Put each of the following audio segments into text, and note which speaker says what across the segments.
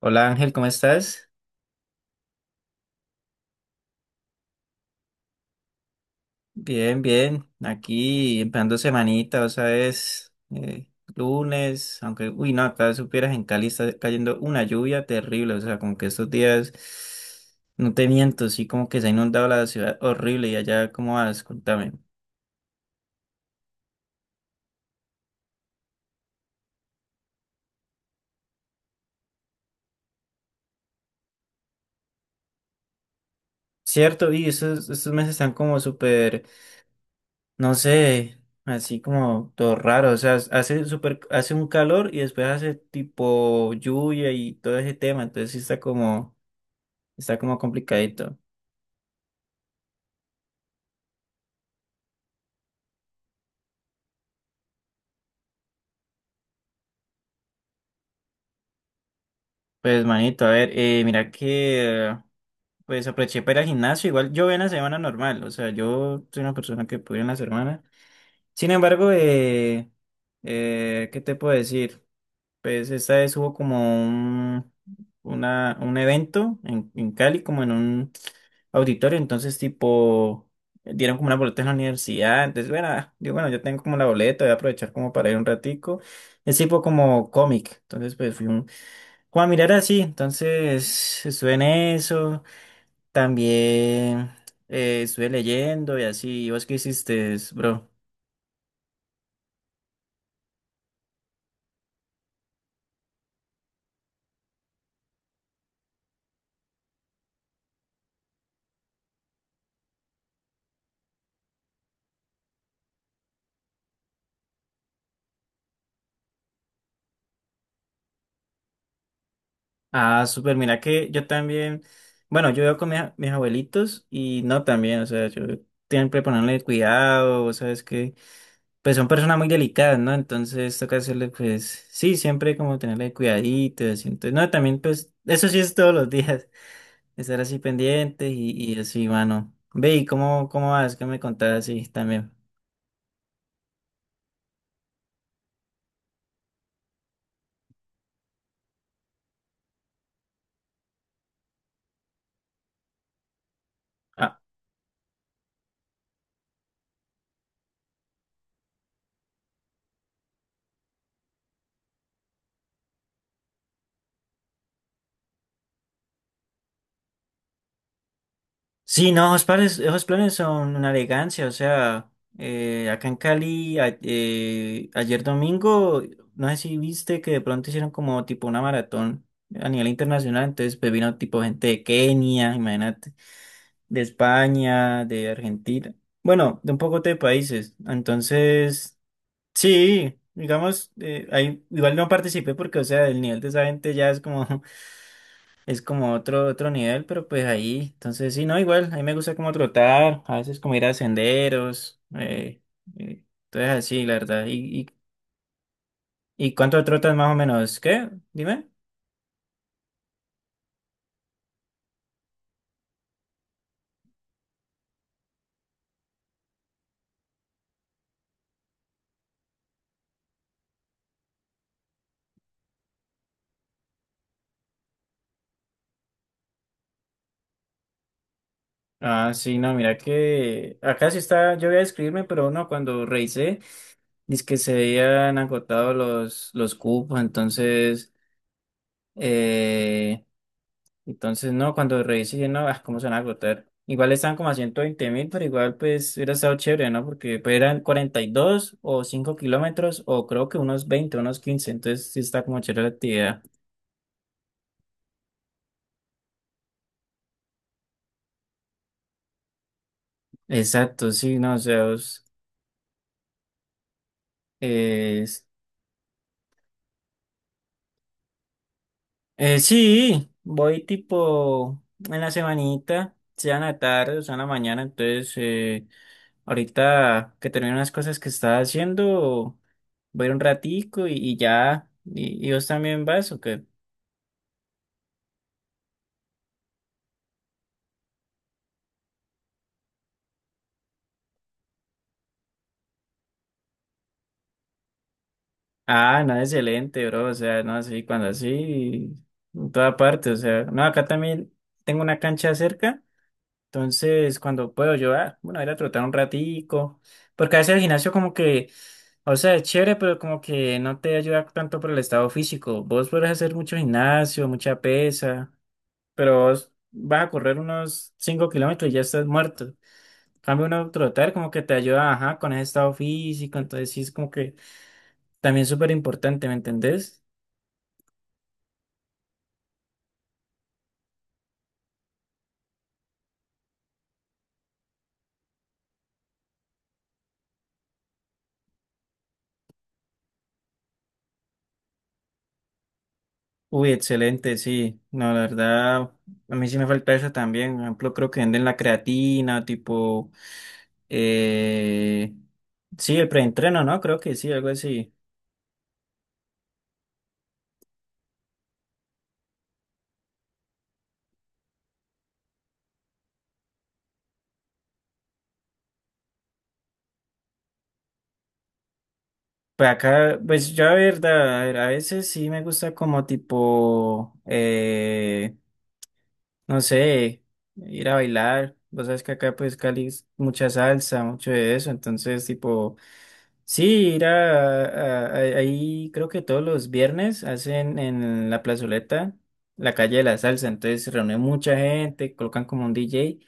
Speaker 1: Hola Ángel, ¿cómo estás? Bien, bien. Aquí empezando semanita, o sea, es lunes, aunque, uy, no, acá supieras en Cali está cayendo una lluvia terrible, o sea, como que estos días, no te miento, sí, como que se ha inundado la ciudad horrible. Y allá, ¿cómo vas? Contame. Cierto, y estos meses están como súper, no sé, así como todo raro, o sea, hace súper, hace un calor y después hace tipo lluvia y todo ese tema, entonces sí está como... Está como complicadito. Pues, manito, a ver, mira que, pues aproveché para ir al gimnasio. Igual yo voy en la semana normal, o sea, yo soy una persona que puede ir en la semana. Sin embargo, ¿qué te puedo decir? Pues esta vez hubo como un evento en Cali, como en un auditorio, entonces tipo, dieron como una boleta en la universidad. Entonces, bueno, ah, digo, bueno, yo tengo como la boleta, voy a aprovechar como para ir un ratico. Es tipo como cómic, entonces pues fui un Juan Mirara, sí, entonces estuve en eso, también estuve leyendo y así. ¿Vos qué hiciste, bro? Ah, súper, mira que yo también, bueno, yo vivo con mis abuelitos y no también, o sea, yo siempre ponerle cuidado, vos sabes que, pues son personas muy delicadas, ¿no? Entonces toca hacerle, pues, sí, siempre como tenerle cuidadito, así, entonces, no, también, pues, eso sí es todos los días, estar así pendientes y así, mano. Ve, ¿y cómo vas? ¿Qué me contás así también? Ah, sí, no, esos planes son una elegancia, o sea, acá en Cali, ayer domingo, no sé si viste que de pronto hicieron como tipo una maratón a nivel internacional, entonces pues vino tipo gente de Kenia, imagínate, de España, de Argentina, bueno, de un poco de países, entonces... Sí, digamos, ahí igual no participé porque, o sea, el nivel de esa gente ya es como, es como otro nivel, pero pues ahí, entonces sí, no, igual, a mí me gusta como trotar, a veces como ir a senderos, eh, entonces así, la verdad. Y cuánto trotas más o menos? ¿Qué? Dime. Ah, sí, no, mira que acá sí está, yo voy a escribirme, pero no, cuando revisé, dice que se habían agotado los cupos, entonces... Entonces, no, cuando revisé, dije, no, ah, cómo se van a agotar. Igual estaban como a 120.000, pero igual pues hubiera estado chévere, ¿no? Porque pues, eran 42 o 5 kilómetros o creo que unos 20 unos 15, entonces sí está como chévere la actividad. Exacto, sí, no, o sea, es, es- sí, voy tipo en la semanita, sea en la tarde o sea en la mañana, entonces ahorita que termino unas cosas que estaba haciendo, voy a ir un ratico y ya. ¿Y, y vos también vas o qué? Ah, no, excelente, bro. O sea, no, sí, cuando así, en toda parte. O sea, no, acá también tengo una cancha cerca. Entonces, cuando puedo yo, ah, bueno, ir a trotar un ratico. Porque a veces el gimnasio como que, o sea, es chévere, pero como que no te ayuda tanto por el estado físico. Vos podés hacer mucho gimnasio, mucha pesa, pero vos vas a correr unos 5 kilómetros y ya estás muerto. En cambio uno trotar como que te ayuda, ajá, con ese estado físico. Entonces, sí, es como que también súper importante, ¿me entendés? Uy, excelente, sí. No, la verdad, a mí sí me falta eso también. Por ejemplo, creo que venden la creatina, tipo, eh, sí, el preentreno, ¿no? Creo que sí, algo así. Pues acá, pues yo, la verdad, a ver, a veces sí me gusta como tipo, no sé, ir a bailar. Vos sabes que acá, pues, Cali, es mucha salsa, mucho de eso. Entonces, tipo. Sí, ir ahí creo que todos los viernes hacen en la plazoleta la calle de la salsa, entonces se reúne mucha gente, colocan como un DJ,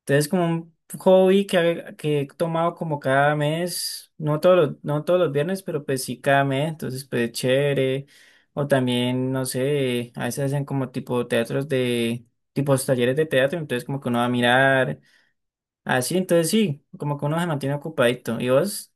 Speaker 1: entonces como un hobby que he tomado como cada mes, no no todos los viernes, pero pues sí cada mes, entonces pues chévere, o también, no sé, a veces hacen como tipo tipos talleres de teatro, entonces como que uno va a mirar, así, entonces sí, como que uno se mantiene ocupadito. ¿Y vos?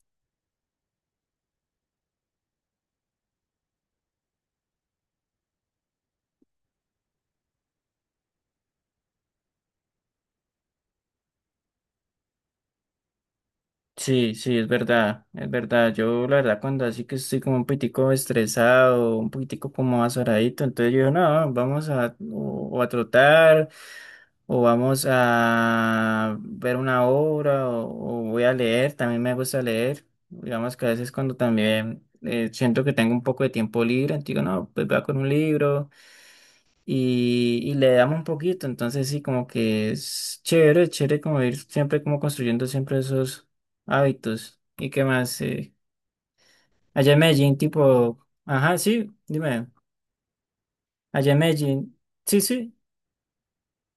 Speaker 1: Sí, sí, es verdad, es verdad. Yo la verdad cuando así que estoy como un poquitico estresado, un poquitico como azoradito, entonces yo digo, no, vamos a o a trotar o vamos a ver una obra o voy a leer, también me gusta leer. Digamos que a veces cuando también siento que tengo un poco de tiempo libre, entonces digo, no, pues voy a con un libro y le damos un poquito. Entonces sí, como que es chévere como ir siempre como construyendo siempre esos hábitos. ¿Y qué más? Allá en Medellín, tipo, ajá, sí, dime, allá en Medellín, sí, sí.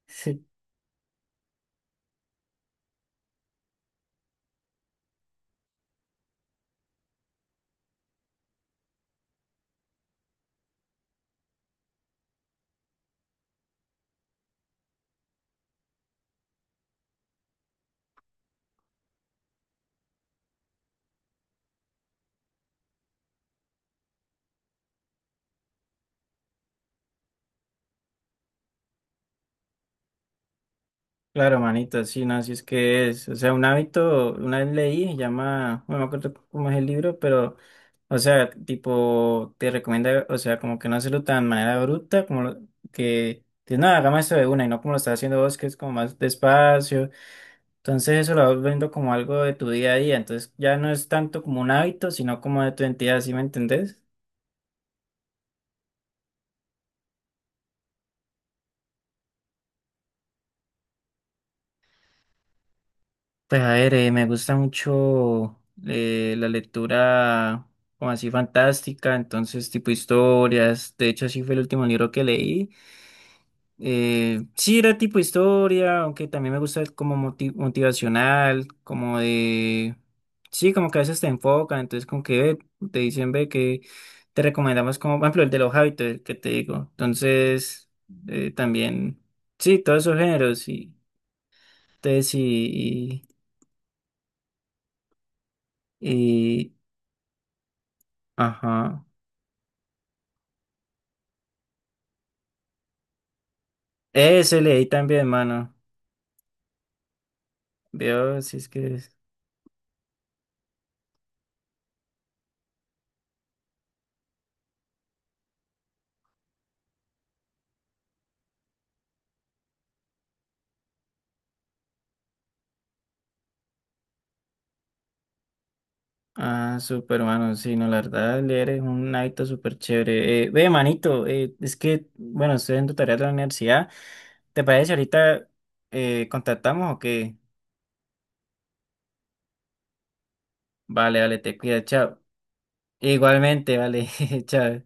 Speaker 1: Claro, manito, sí, no, así es que es. O sea, un hábito, una vez leí, se llama, no me acuerdo cómo es el libro, pero, o sea, tipo, te recomienda, o sea, como que no hacerlo tan de manera bruta, como que, dices, no, hagamos esto de una y no como lo estás haciendo vos, que es como más despacio. Entonces, eso lo vas viendo como algo de tu día a día. Entonces, ya no es tanto como un hábito, sino como de tu entidad, ¿sí me entendés? Pues a ver, me gusta mucho la lectura como así fantástica, entonces tipo historias, de hecho así fue el último libro que leí. Sí era tipo historia, aunque también me gusta el como motivacional, como de... Sí, como que a veces te enfocan, entonces como que ve, te dicen, ve, que te recomendamos como, por ejemplo, el de los hábitos, el que te digo. Entonces, también, sí, todos esos géneros, y entonces, y Ajá. Ese leí también, mano. Dios, si es que es. Ah, súper, mano. Sí, no, la verdad, leer es un hábito súper chévere. Ve, manito, es que, bueno, estoy en tu tarea de la universidad. ¿Te parece si ahorita contactamos o qué? Vale, vale, te cuida, chao. Igualmente, vale, chao.